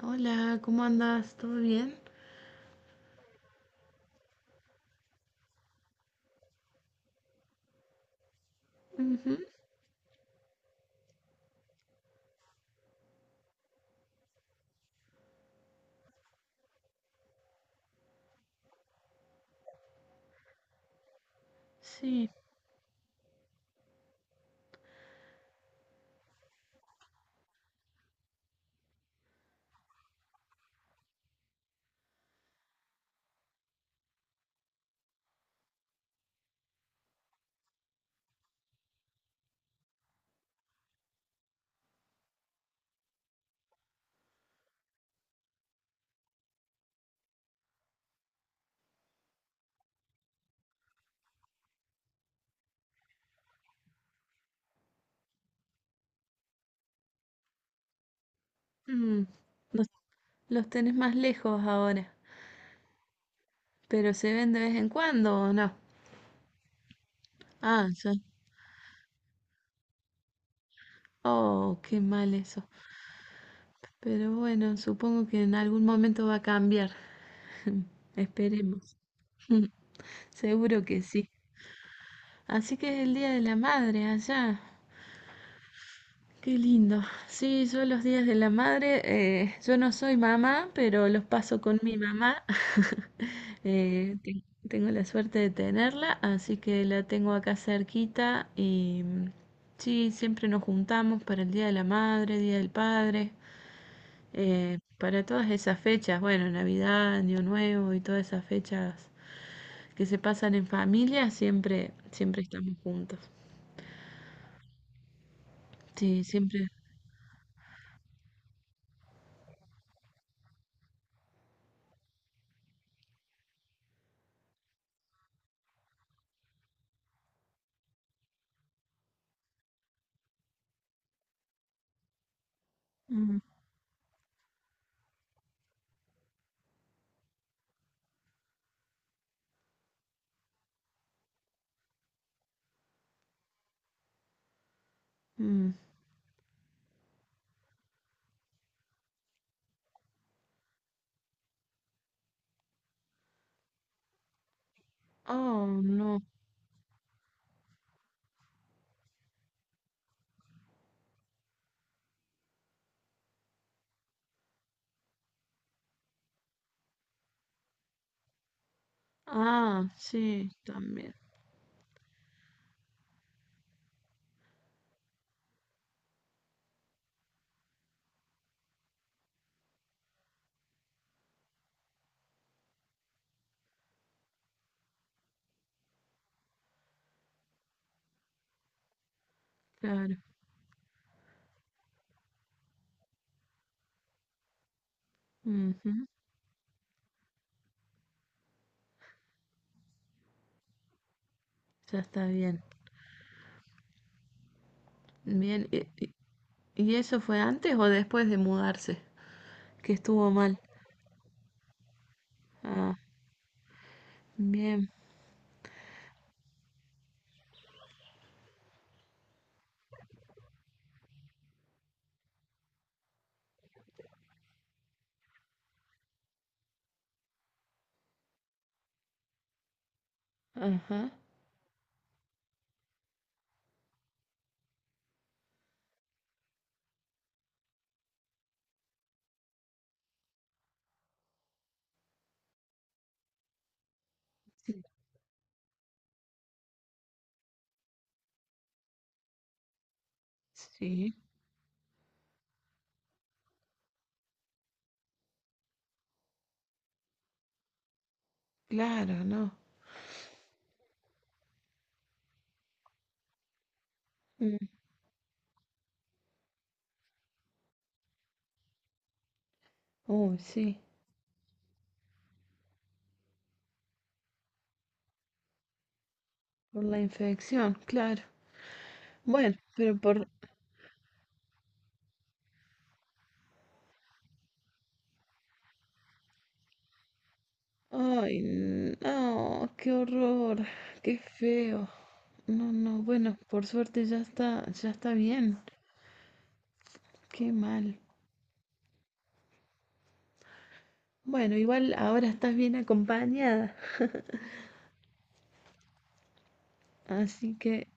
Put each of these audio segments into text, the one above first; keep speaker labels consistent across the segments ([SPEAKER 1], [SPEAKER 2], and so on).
[SPEAKER 1] Hola, ¿cómo andas? ¿Todo bien? Ujú. Sí. Mm. Los, los tenés más lejos ahora, pero se ven de vez en cuando o no. Ah, ya. Oh, qué mal eso. Pero bueno, supongo que en algún momento va a cambiar. Esperemos. Seguro que sí. Así que es el Día de la Madre allá. Qué lindo. Sí, yo los días de la madre, yo no soy mamá, pero los paso con mi mamá. Eh, ten- Tengo la suerte de tenerla, así que la tengo acá cerquita y mm, sí, siempre nos juntamos para el Día de la Madre, Día del Padre, para todas esas fechas, bueno, Navidad, Año Nuevo y todas esas fechas que se pasan en familia, siempre, siempre estamos juntos. Sí, siempre. Mm, mm. Oh, no. Ah, sí, también, claro. Ujú. Ya está bien. Bien, ¿Y y- eso fue antes o después de mudarse? Que estuvo mal. Ah, bien. Ajá, sí, claro, no. Mm. Uy, sí, por la infección, claro. Bueno, pero por... Ay, no, qué horror, qué feo. No, no, bueno, por suerte ya está bien. Qué mal. Bueno, igual ahora estás bien acompañada, así que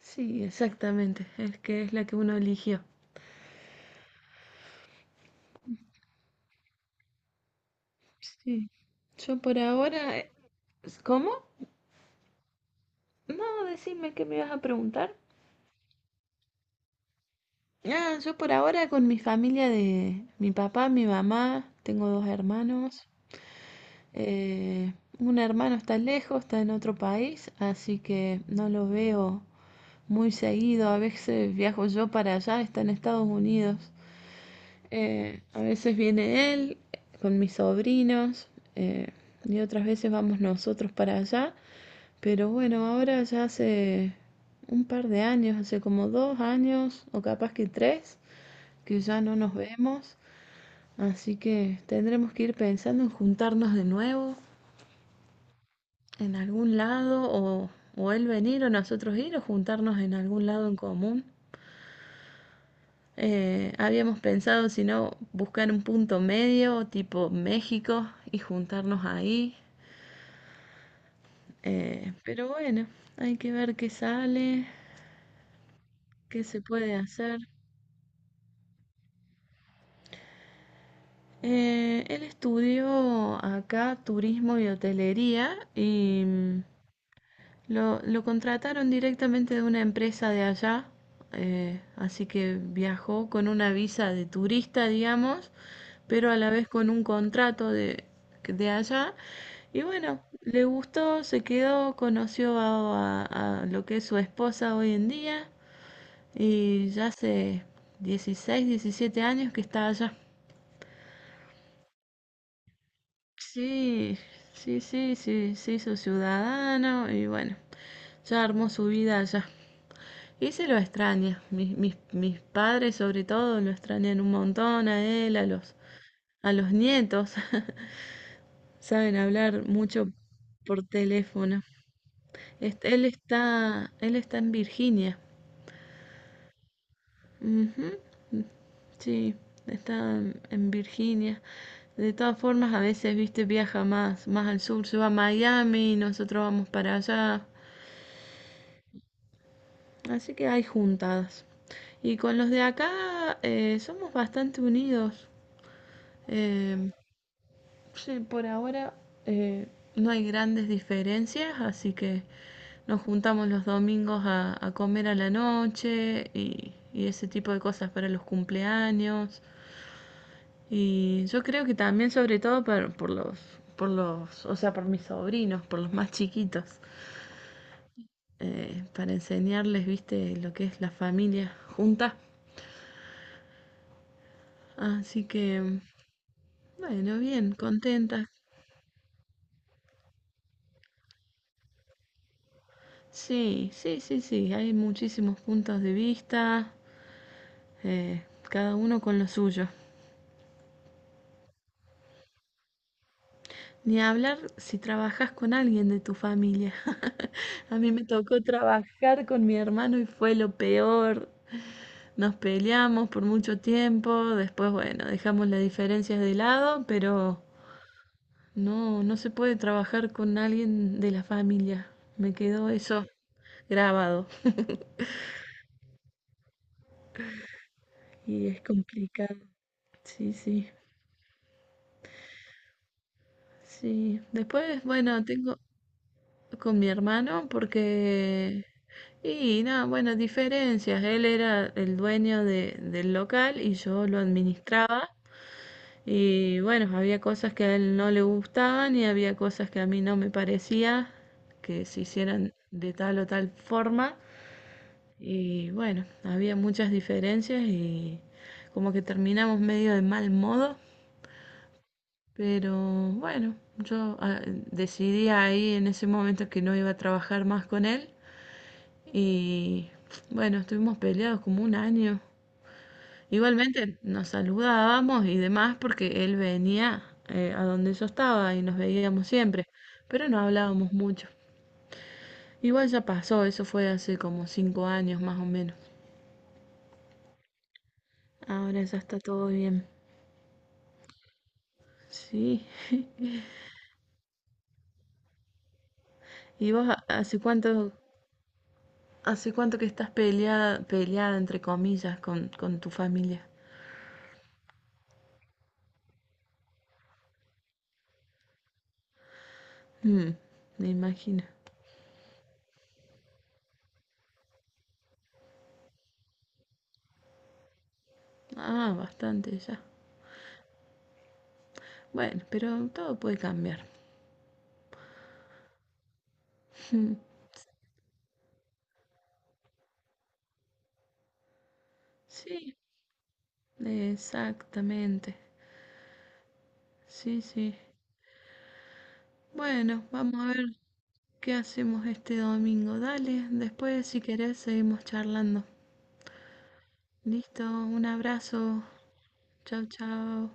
[SPEAKER 1] sí, exactamente, es que es la que uno eligió. Sí, yo por ahora... ¿Cómo? No, decime qué me ibas a preguntar. Ah, yo por ahora con mi familia de mi papá, mi mamá, tengo dos hermanos. Un hermano está lejos, está en otro país, así que no lo veo muy seguido. A veces viajo yo para allá, está en Estados Unidos. A veces viene él con mis sobrinos eh, y otras veces vamos nosotros para allá. Pero bueno, ahora ya hace un par de años, hace como 2 años o capaz que 3, que ya no nos vemos. Así que tendremos que ir pensando en juntarnos de nuevo en algún lado o él venir o nosotros ir o juntarnos en algún lado en común. Habíamos pensado, si no, buscar un punto medio, tipo México, y juntarnos ahí. Pero bueno, hay que ver qué sale, qué se puede hacer. Él estudió acá turismo y hotelería y. Lo contrataron directamente de una empresa de allá, así que viajó con una visa de turista, digamos, pero a la vez con un contrato de allá. Y bueno, le gustó, se quedó, conoció a lo que es su esposa hoy en día y ya hace 16, 17 años que está allá. Sí, sí, sí, sí, se hizo ciudadano y bueno, ya armó su vida allá. Y se lo extraña. Mis padres sobre todo lo extrañan un montón a él, a los nietos. Saben hablar mucho por teléfono. Él está en Virginia. Ujú. Sí, está en Virginia. De todas formas, a veces, viste, viaja más, más al sur, se va a Miami, nosotros vamos para allá. Así que hay juntadas. Y con los de acá somos bastante unidos. Eh, Sí, por ahora eh, no hay grandes diferencias, así que nos juntamos los domingos a comer a la noche y ese tipo de cosas para los cumpleaños. Y yo creo que también, sobre todo por los, o sea, por mis sobrinos, por los más chiquitos, para enseñarles, viste, lo que es la familia junta. Así que, bueno, bien, contenta. Sí, sí, sí, sí, hay muchísimos puntos de vista. Eh, Cada uno con lo suyo. Ni hablar si trabajas con alguien de tu familia. A mí me tocó trabajar con mi hermano y fue lo peor. Nos peleamos por mucho tiempo, después, bueno, dejamos las diferencias de lado, pero no, no se puede trabajar con alguien de la familia. Me quedó eso grabado. Y es complicado. Sí, sí, sí. Después, bueno, con mi hermano porque... Y nada, bueno, diferencias. Él era el dueño del local y yo lo administraba. Y bueno, había cosas que a él no le gustaban y había cosas que a mí no me parecía que se hicieran de tal o tal forma. Y bueno, había muchas diferencias y como que terminamos medio de mal modo. Pero bueno, yo decidí ahí en ese momento que no iba a trabajar más con él. Y bueno, estuvimos peleados como un año. Igualmente nos saludábamos y demás porque él venía a donde yo estaba y nos veíamos siempre, pero no hablábamos mucho. Igual ya pasó, eso fue hace como 5 años más o menos. Ahora ya está todo bien. Sí. ¿Y vos hace cuánto, que estás peleada, peleada entre comillas con tu familia? Mm, me imagino. Ah, bastante ya. Bueno, pero todo puede cambiar. Sí, exactamente. Sí, sí. Bueno, vamos a ver qué hacemos este domingo. Dale, después si querés seguimos charlando. Listo, un abrazo. Chau, chau.